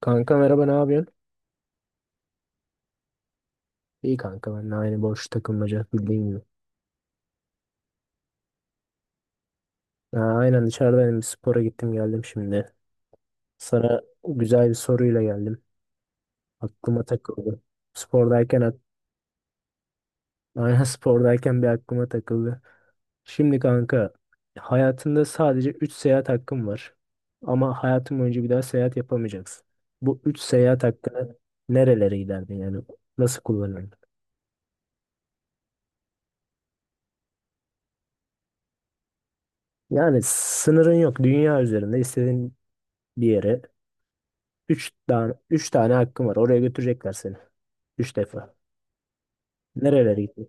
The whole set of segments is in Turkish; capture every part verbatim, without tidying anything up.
Kanka merhaba ne yapıyorsun? İyi kanka ben de aynı boş takılmaca bildiğin gibi. Ha, aynen dışarıdayım bir spora gittim geldim şimdi. Sana güzel bir soruyla geldim. Aklıma takıldı. Spordayken ak- aynen spordayken bir aklıma takıldı. Şimdi kanka hayatında sadece üç seyahat hakkın var. Ama hayatın boyunca bir daha seyahat yapamayacaksın. Bu üç seyahat hakkını nerelere giderdin yani? Nasıl kullanırdın? Yani sınırın yok. Dünya üzerinde istediğin bir yere. Üç tane, üç tane hakkım var. Oraya götürecekler seni. Üç defa. Nerelere gittin?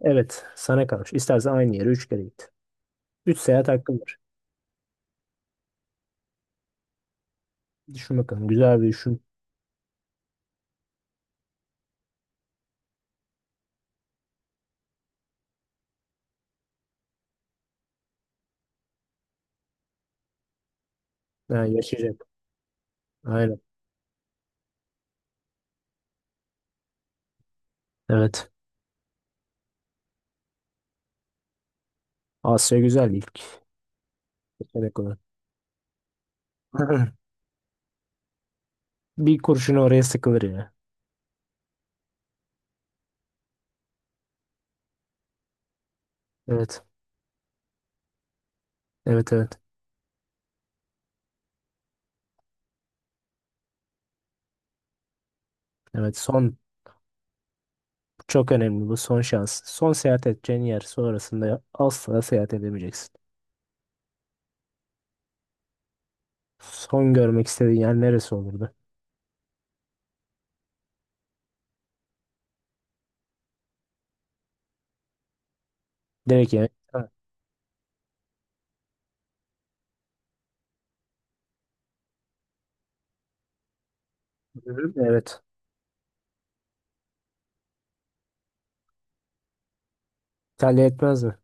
Evet, sana kalmış. İstersen aynı yere üç kere git. Üç seyahat hakkım var. Düşün bakalım. Güzel bir düşün. Ha, yaşayacak. Aynen. Evet. Asya güzel ilk. Seçenek olan. Bir kurşun oraya sıkılır ya. Evet. Evet evet. Evet. Son çok önemli bu son şans. Son seyahat edeceğin yer sonrasında asla seyahat edemeyeceksin. Son görmek istediğin yer neresi olurdu? Direkt yani. Ha. Hı hı. Evet. İtalya etmez mi?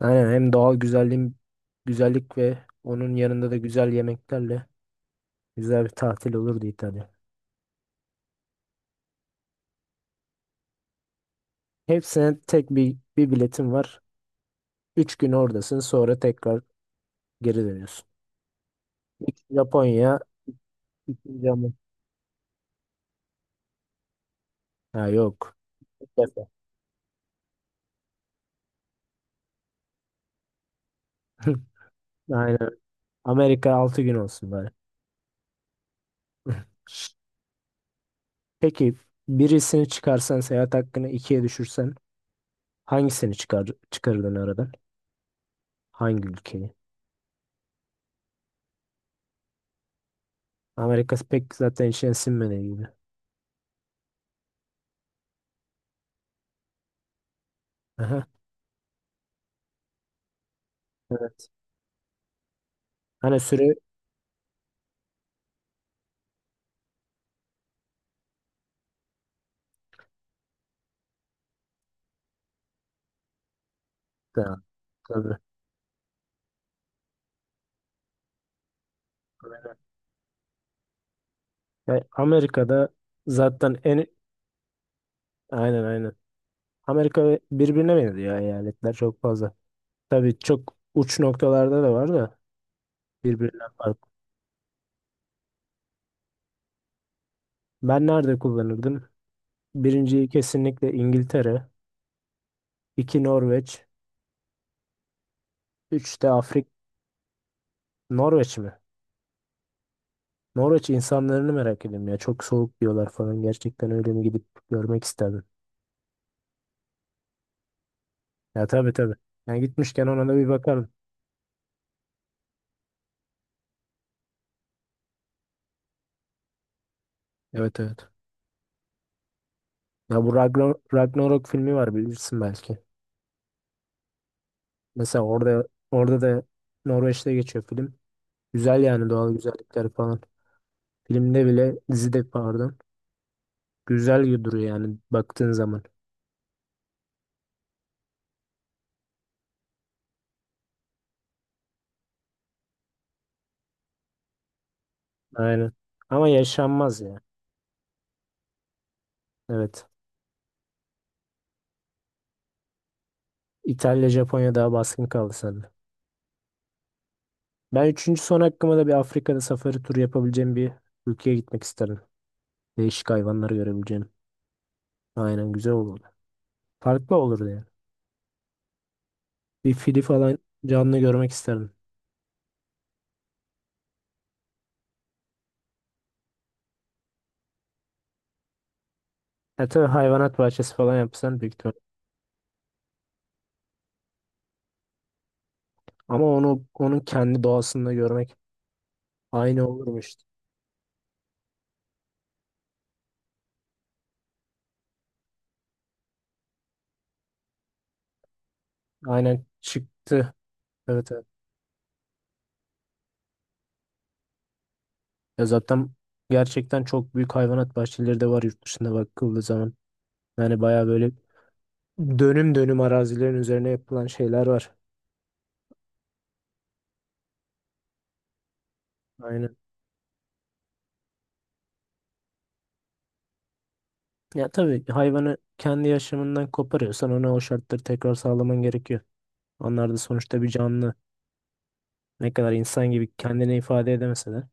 Aynen hem doğal güzelliğin, güzellik ve onun yanında da güzel yemeklerle güzel bir tatil olurdu İtalya. Hepsine tek bir, bir biletim var. Üç gün oradasın sonra tekrar geri dönüyorsun. İlk Japonya, ikinci Amerika. Ha yok. İlk defa. Aynen. Amerika altı gün olsun bari. Peki birisini çıkarsan seyahat hakkını ikiye düşürsen hangisini çıkar, çıkarırdın aradan? Hangi ülkeyi? Amerika pek zaten içine sinmediği gibi. Aha. Evet. Hani süre. Tabii. Aynen. Ya Amerika'da zaten en, aynen aynen. Amerika ve- birbirine benziyor eyaletler çok fazla. Tabii çok uç noktalarda da var da birbirinden farklı. Ben nerede kullanırdım? Birinciyi kesinlikle İngiltere, iki Norveç, üç de Afrik. Norveç mi? Norveç insanlarını merak ediyorum ya. Çok soğuk diyorlar falan. Gerçekten öyle mi gidip görmek isterdim. Ya tabii tabii. Yani gitmişken ona da bir bakarım. Evet evet. Ya bu Ragnar- Ragnarok filmi var bilirsin belki. Mesela orada orada da Norveç'te geçiyor film. Güzel yani doğal güzellikler falan. Filmde bile, dizide pardon. Güzel duruyor yani baktığın zaman. Aynen. Ama yaşanmaz ya. Evet. İtalya, Japonya daha baskın kaldı sende. Ben üçüncü son hakkıma da bir Afrika'da safari turu yapabileceğim bir ülkeye gitmek isterim. Değişik hayvanları görebileceğim. Aynen güzel olurdu. Farklı olurdu yani. Bir fili falan canlı görmek isterim. E tabii hayvanat bahçesi falan yapsan büyük ihtimal. Ama onu onun kendi doğasında görmek aynı olurmuş işte. Aynen çıktı. Evet evet. Ya zaten gerçekten çok büyük hayvanat bahçeleri de var yurt dışında bakıldığı zaman. Yani baya böyle dönüm dönüm arazilerin üzerine yapılan şeyler var. Aynen. Ya tabii hayvanı kendi yaşamından koparıyorsan ona o şartları tekrar sağlaman gerekiyor. Onlar da sonuçta bir canlı. Ne kadar insan gibi kendini ifade edemese de.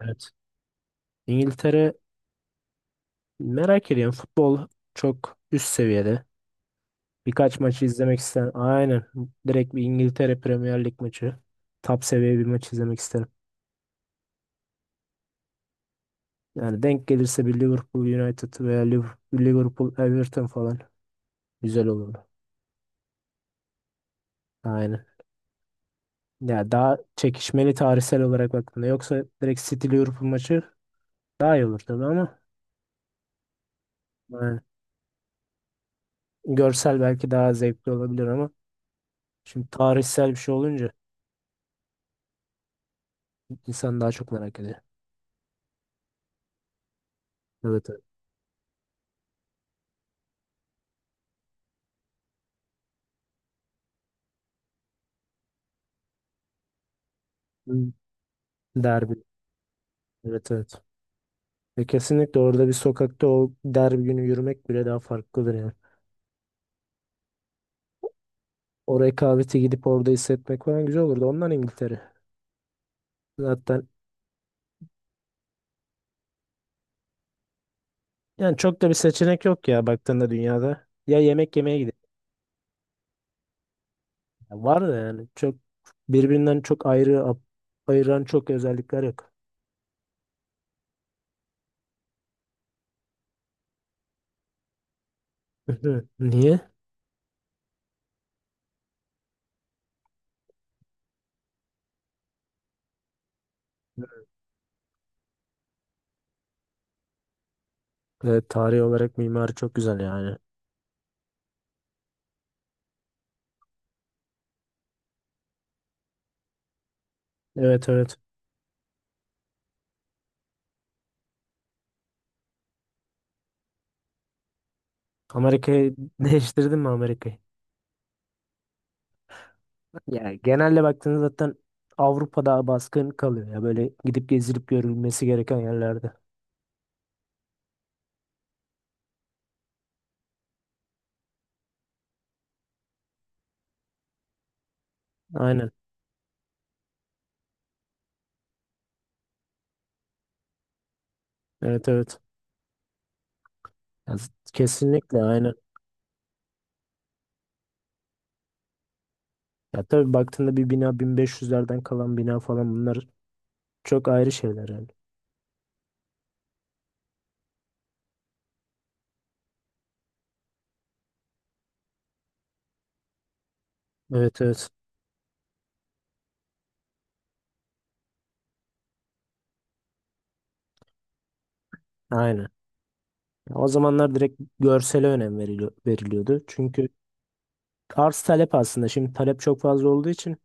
Evet. İngiltere merak ediyorum. Futbol çok üst seviyede. Birkaç maçı izlemek isterim. Aynen. Direkt bir İngiltere Premier Lig maçı. Top seviye bir maç izlemek isterim. Yani denk gelirse bir Liverpool United veya Liv- Liverpool Everton falan güzel olurdu. Aynen. Ya daha çekişmeli tarihsel olarak baktığında. Yoksa direkt City Liverpool maçı daha iyi olur tabii ama yani görsel belki daha zevkli olabilir ama şimdi tarihsel bir şey olunca insan daha çok merak ediyor. Evet evet. Hı. Derbi. Evet evet. E kesinlikle orada bir sokakta o derbi günü yürümek bile daha farklıdır yani. O rekabeti gidip orada hissetmek falan güzel olurdu. Ondan İngiltere. Zaten yani çok da bir seçenek yok ya baktığında dünyada. Ya yemek yemeye gidelim. Ya var da yani çok birbirinden çok ayrı, ap- ayıran çok özellikler yok. Hı. Niye? Evet, tarih olarak mimari çok güzel yani. Evet evet. Amerika'yı değiştirdin mi Amerika'yı? Ya genelde baktığınız zaten Avrupa'da baskın kalıyor ya böyle gidip gezilip görülmesi gereken yerlerde. Aynen. Evet evet. Ya z- kesinlikle aynen. Ya tabii baktığında bir bina bin beş yüzlerden kalan bina falan bunlar çok ayrı şeyler yani. Evet evet. Aynen. Ya o zamanlar direkt görsele önem veriliyor, veriliyordu. Çünkü arz talep aslında şimdi talep çok fazla olduğu için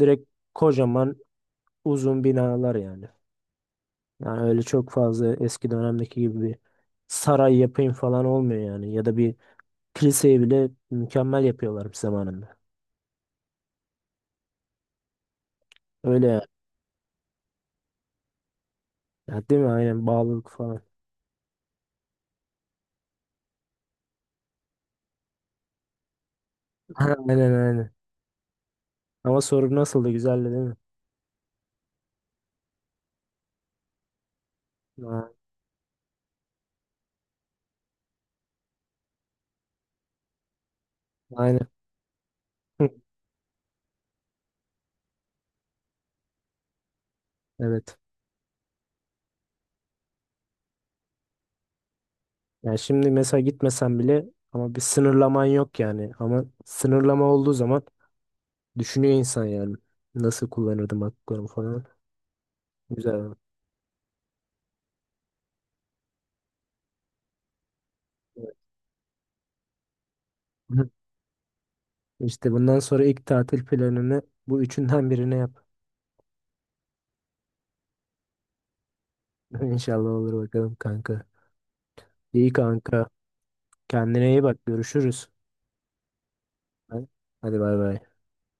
direkt kocaman uzun binalar yani. Yani öyle çok fazla eski dönemdeki gibi bir saray yapayım falan olmuyor yani. Ya da bir kiliseyi bile mükemmel yapıyorlar zamanında. Öyle ya. Ya değil mi? Aynen bağlılık falan. Aynen aynen. Ama soru nasıldı? Güzeldi değil mi? Ha, aynen. Evet. Yani şimdi mesela gitmesen bile ama bir sınırlaman yok yani. Ama sınırlama olduğu zaman düşünüyor insan yani. Nasıl kullanırdım haklarımı falan. Güzel. Evet. İşte bundan sonra ilk tatil planını bu üçünden birine yap. İnşallah olur bakalım kanka. İyi kanka. Kendine iyi bak. Görüşürüz. Hadi bay bay.